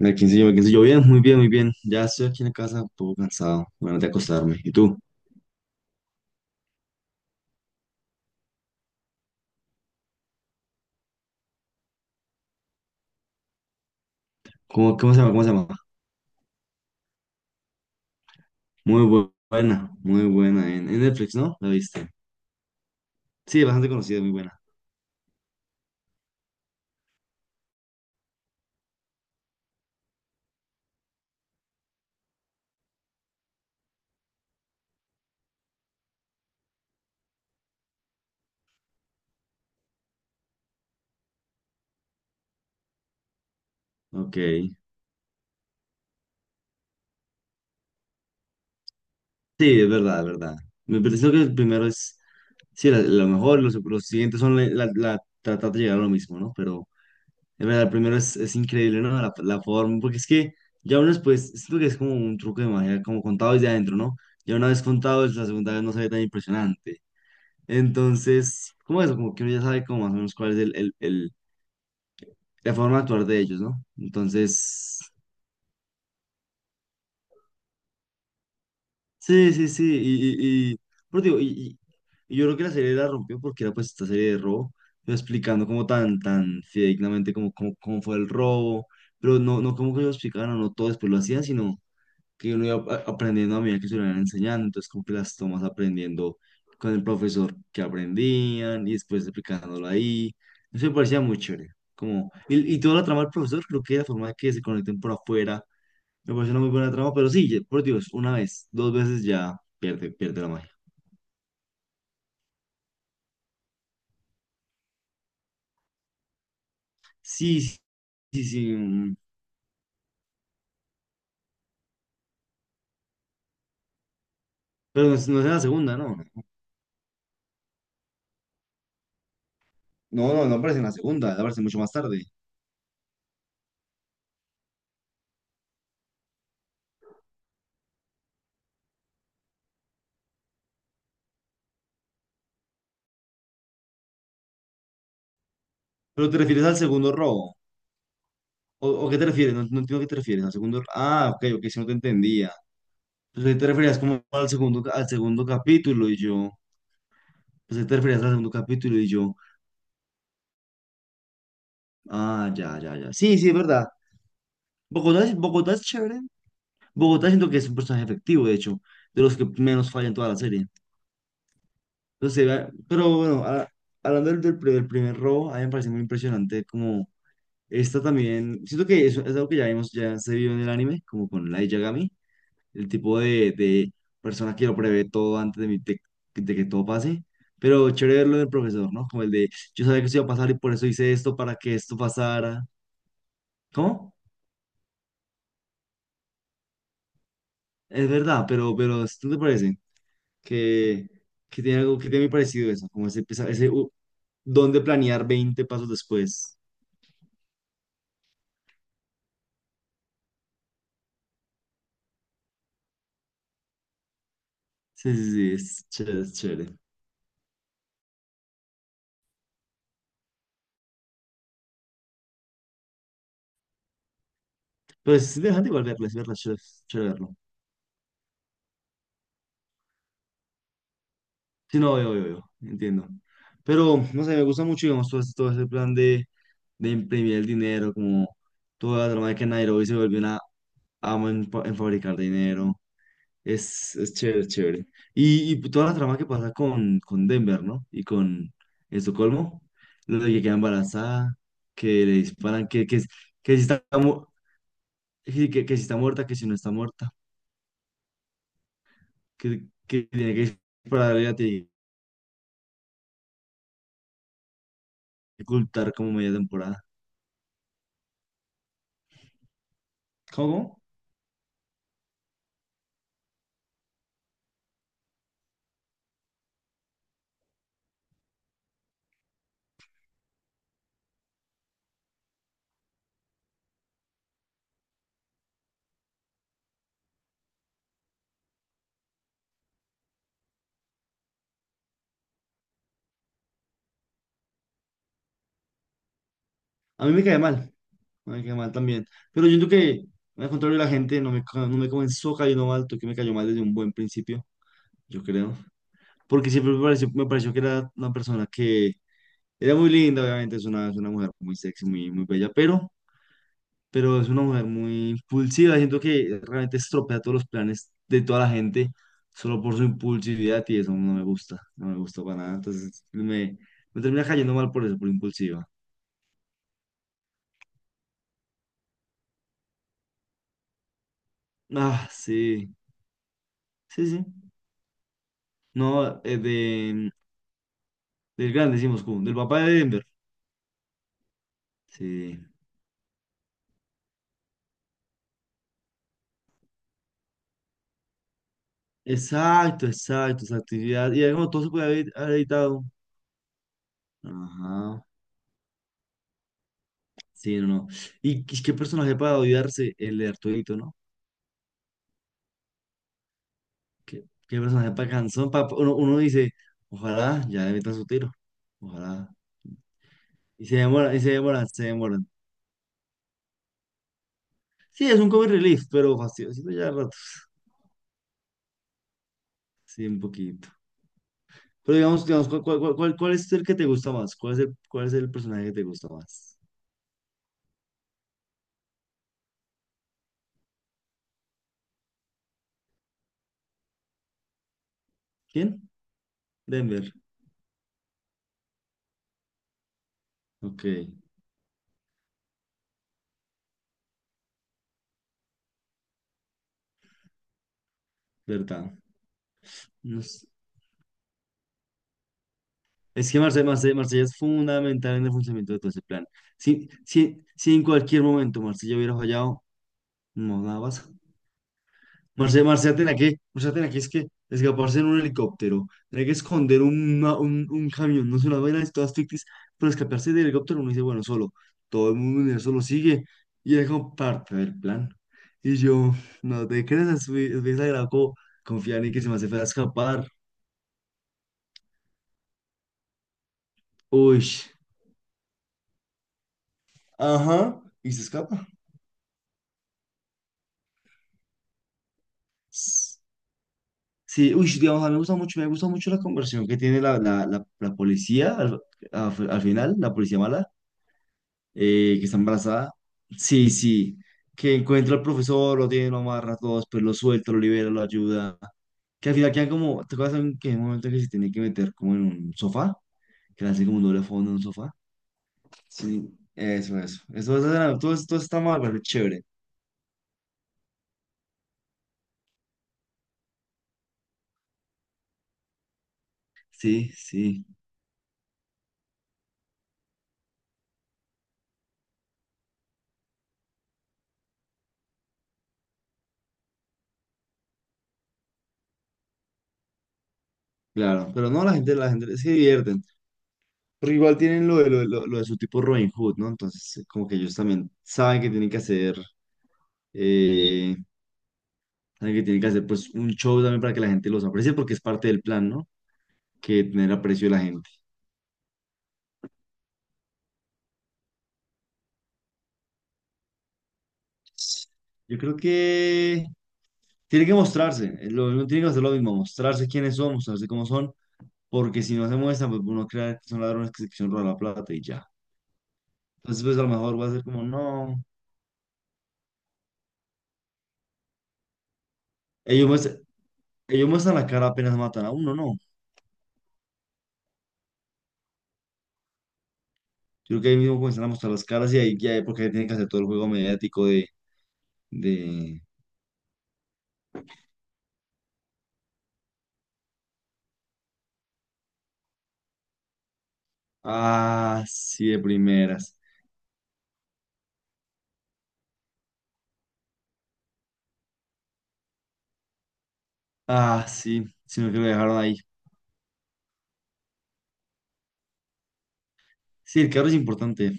En el quinceañero, bien, muy bien, muy bien. Ya estoy aquí en la casa, un poco cansado, bueno, de acostarme. ¿Y tú? ¿Cómo se llama? ¿Cómo se llama? Muy buena, muy buena. En Netflix, ¿no? ¿La viste? Sí, bastante conocida, muy buena. Ok. Sí, es verdad, es verdad. Me pareció que el primero es, sí, la mejor, los siguientes son tratar de llegar a lo mismo, ¿no? Pero es verdad, el primero es increíble, ¿no? La forma, porque es que ya uno después, siento que es como un truco de magia, como contado desde adentro, ¿no? Ya una vez contado, es la segunda vez no se ve tan impresionante. Entonces, como eso, como que uno ya sabe como más o menos cuál es la forma de actuar de ellos, ¿no? Entonces, sí, sí, sí, pero digo, y yo creo que la serie la rompió porque era pues esta serie de robo, pero explicando como tan, tan fidedignamente como, como, cómo fue el robo, pero no, no como que lo explicaban o no todo después lo hacían, sino que uno aprendiendo a medida que se lo iban enseñando, entonces como que las tomas aprendiendo con el profesor que aprendían y después explicándolo ahí, eso me parecía muy chévere, como, y toda la trama del profesor, creo que la forma de que se conecten por afuera, me parece una muy buena trama, pero sí, ya- por Dios, una vez, dos veces ya pierde, pierde la magia. Sí, sí, sí, sí, mm, pero no es, no es en la segunda, ¿no? No, no, no aparece en la segunda, aparece mucho más tarde. Pero te refieres al segundo robo. O qué te refieres? No, no entiendo a qué te refieres. Al segundo. Ah, ok, ok, si no te entendía. Pues ahí te referías como al segundo, al segundo capítulo y yo. Pues ahí te referías al segundo capítulo y yo. Ah, ya, ya, ya. Sí, sí, es verdad. Bogotá, Bogotá es chévere. Bogotá siento que es un personaje efectivo, de hecho, de los que menos falla en toda la serie. Entonces, pero bueno, hablando del primer robo, a mí me parece muy impresionante como esta también. Siento que es algo que ya vimos, ya se vio en el anime, como con Light Yagami el tipo de persona que lo prevé todo antes de, de que todo pase. Pero chévere verlo del profesor, ¿no? Como el de, yo sabía que esto iba a pasar y por eso hice esto para que esto pasara. ¿Cómo? Es verdad, pero ¿no te parece? Que, que tiene algo que tiene muy parecido eso, como ese, ese don de planear 20 pasos después. Sí, sí, sí, es chévere, es chévere. Pero es interesante igual verlo, es chévere verlo. Sí, no, yo, entiendo. Pero, no sé, me gusta mucho, digamos, todo, todo ese plan de imprimir el dinero, como toda la trama de que Nairobi se volvió una ama en fabricar dinero. Es chévere, es chévere. Y toda la trama que pasa con Denver, ¿no? Y con Estocolmo, lo de que queda embarazada, que le disparan, que, si está, sí, que si está muerta, que si no está muerta, que tiene que dispararle y la ocultar como media temporada. ¿Cómo? A mí me cae mal también. Pero yo siento que, al contrario, la gente no me, no me comenzó cayendo mal, tú que me cayó mal desde un buen principio, yo creo. Porque siempre me pareció que era una persona que era muy linda, obviamente, es una mujer muy sexy, muy, muy bella, pero es una mujer muy impulsiva. Siento que realmente estropea todos los planes de toda la gente solo por su impulsividad y eso no me gusta, no me gusta para nada. Entonces me termina cayendo mal por eso, por impulsiva. Ah, sí, sí, sí. No, de, del grande, decimos, como, del papá de Denver. Sí. Exacto, exacto, exacto. Y ya como todo se puede haber, haber editado. Ajá. Sí, no, no. Y qué qué personaje para odiarse el de Arturito, ¿no? Qué, qué personaje para cansón. Uno, uno dice, ojalá ya le metan su tiro. Ojalá. Y se demoran, se demoran. Sí, es un comic relief, pero fastidiosito ya a ratos. Sí, un poquito. Pero digamos, digamos, ¿cuál, cuál, cuál, cuál es el que te gusta más? Cuál es el personaje que te gusta más? ¿Quién? Denver, ok, verdad. Nos- Es que Marsella, Marsella, Marsella es fundamental en el funcionamiento de todo ese plan. Si, si, si en cualquier momento Marsella hubiera fallado, no, nada pasa. Marsella, Marsella tenía que, es que escaparse en un helicóptero, tenía que esconder un camión, no sé, unas vainas todas ficticias, pero escaparse del helicóptero uno dice, bueno, solo, todo el mundo universo lo sigue, y era como parte del plan. Y yo, no te creas, es muy exagerado como confiar en que se me hace fuera a escapar. Uy. Ajá, y se escapa. S- Sí, uy, digamos, a mí me gusta mucho la conversión que tiene la policía al final, la policía mala, que está embarazada. Sí, sí, que encuentra al profesor, lo tiene, lo amarra a todos, pues lo suelta, lo libera, lo ayuda. Que al final quedan como, ¿te acuerdas en que hay un momento que se tiene que meter como en un sofá? Que le hace como un doble fondo en un sofá. Sí, eso, eso. Eso, todo, todo está mal, pero es chévere. Sí, sí, claro. Pero no, la gente se divierten. Pero igual tienen lo de, lo, lo de su tipo Robin Hood, ¿no? Entonces, como que ellos también saben que tienen que hacer, eh, saben que tienen que hacer pues un show también para que la gente los aprecie, porque es parte del plan, ¿no? Que tener aprecio de la gente. Yo creo que tiene que mostrarse, lo, uno tiene que hacer lo mismo, mostrarse quiénes son, mostrarse cómo son, porque si no se muestran, pues uno crea que son ladrones que se quisieron robar la plata y ya. Entonces, pues a lo mejor va a ser como, no, ellos muestran, ellos muestran la cara apenas matan a uno, ¿no? Yo creo que ahí mismo comienzan a mostrar las caras y ahí ya, porque ahí tienen que hacer todo el juego mediático de... Ah, sí, de primeras. Ah, sí, sino que lo dejaron ahí. Sí, el carro es importante.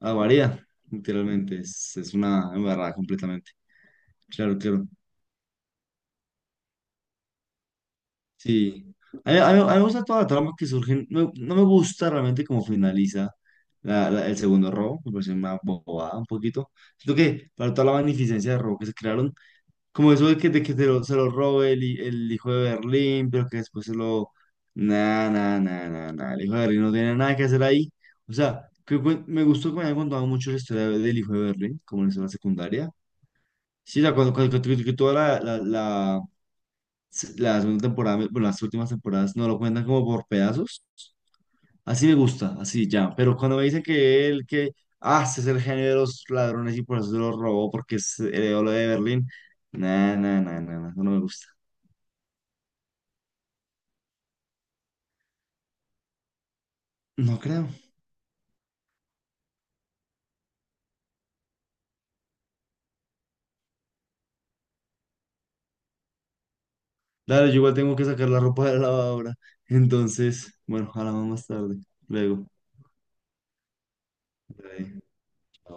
Ah, varía, literalmente. Es una embarrada completamente. Claro, claro. Sí, a mí me gusta toda la trama que surge, no, no me gusta realmente cómo finaliza el segundo robo, me parece una bobada un poquito. Siento que para toda la magnificencia de robo que se crearon, como eso de que se lo robe el hijo de Berlín, pero que después se lo... Nah, nah, nah, nah, nah, el hijo de Berlín no tiene nada que hacer ahí. O sea, que, me gustó que me hayan contado mucho la historia del hijo de Berlín, como en la escena secundaria. Sí, o sea, cuando, que toda la segunda temporada, bueno, las últimas temporadas no lo cuentan como por pedazos. Así me gusta, así ya. Pero cuando me dicen que él, que, ah, ese es el genio de los ladrones y por eso se lo robó porque es heredó lo de Berlín. Nah, nah, nah, nah, nah, eso no me gusta. No creo. Dale, yo igual tengo que sacar la ropa de la lavadora. Entonces, bueno, hablamos más tarde. Luego. Dale, chao.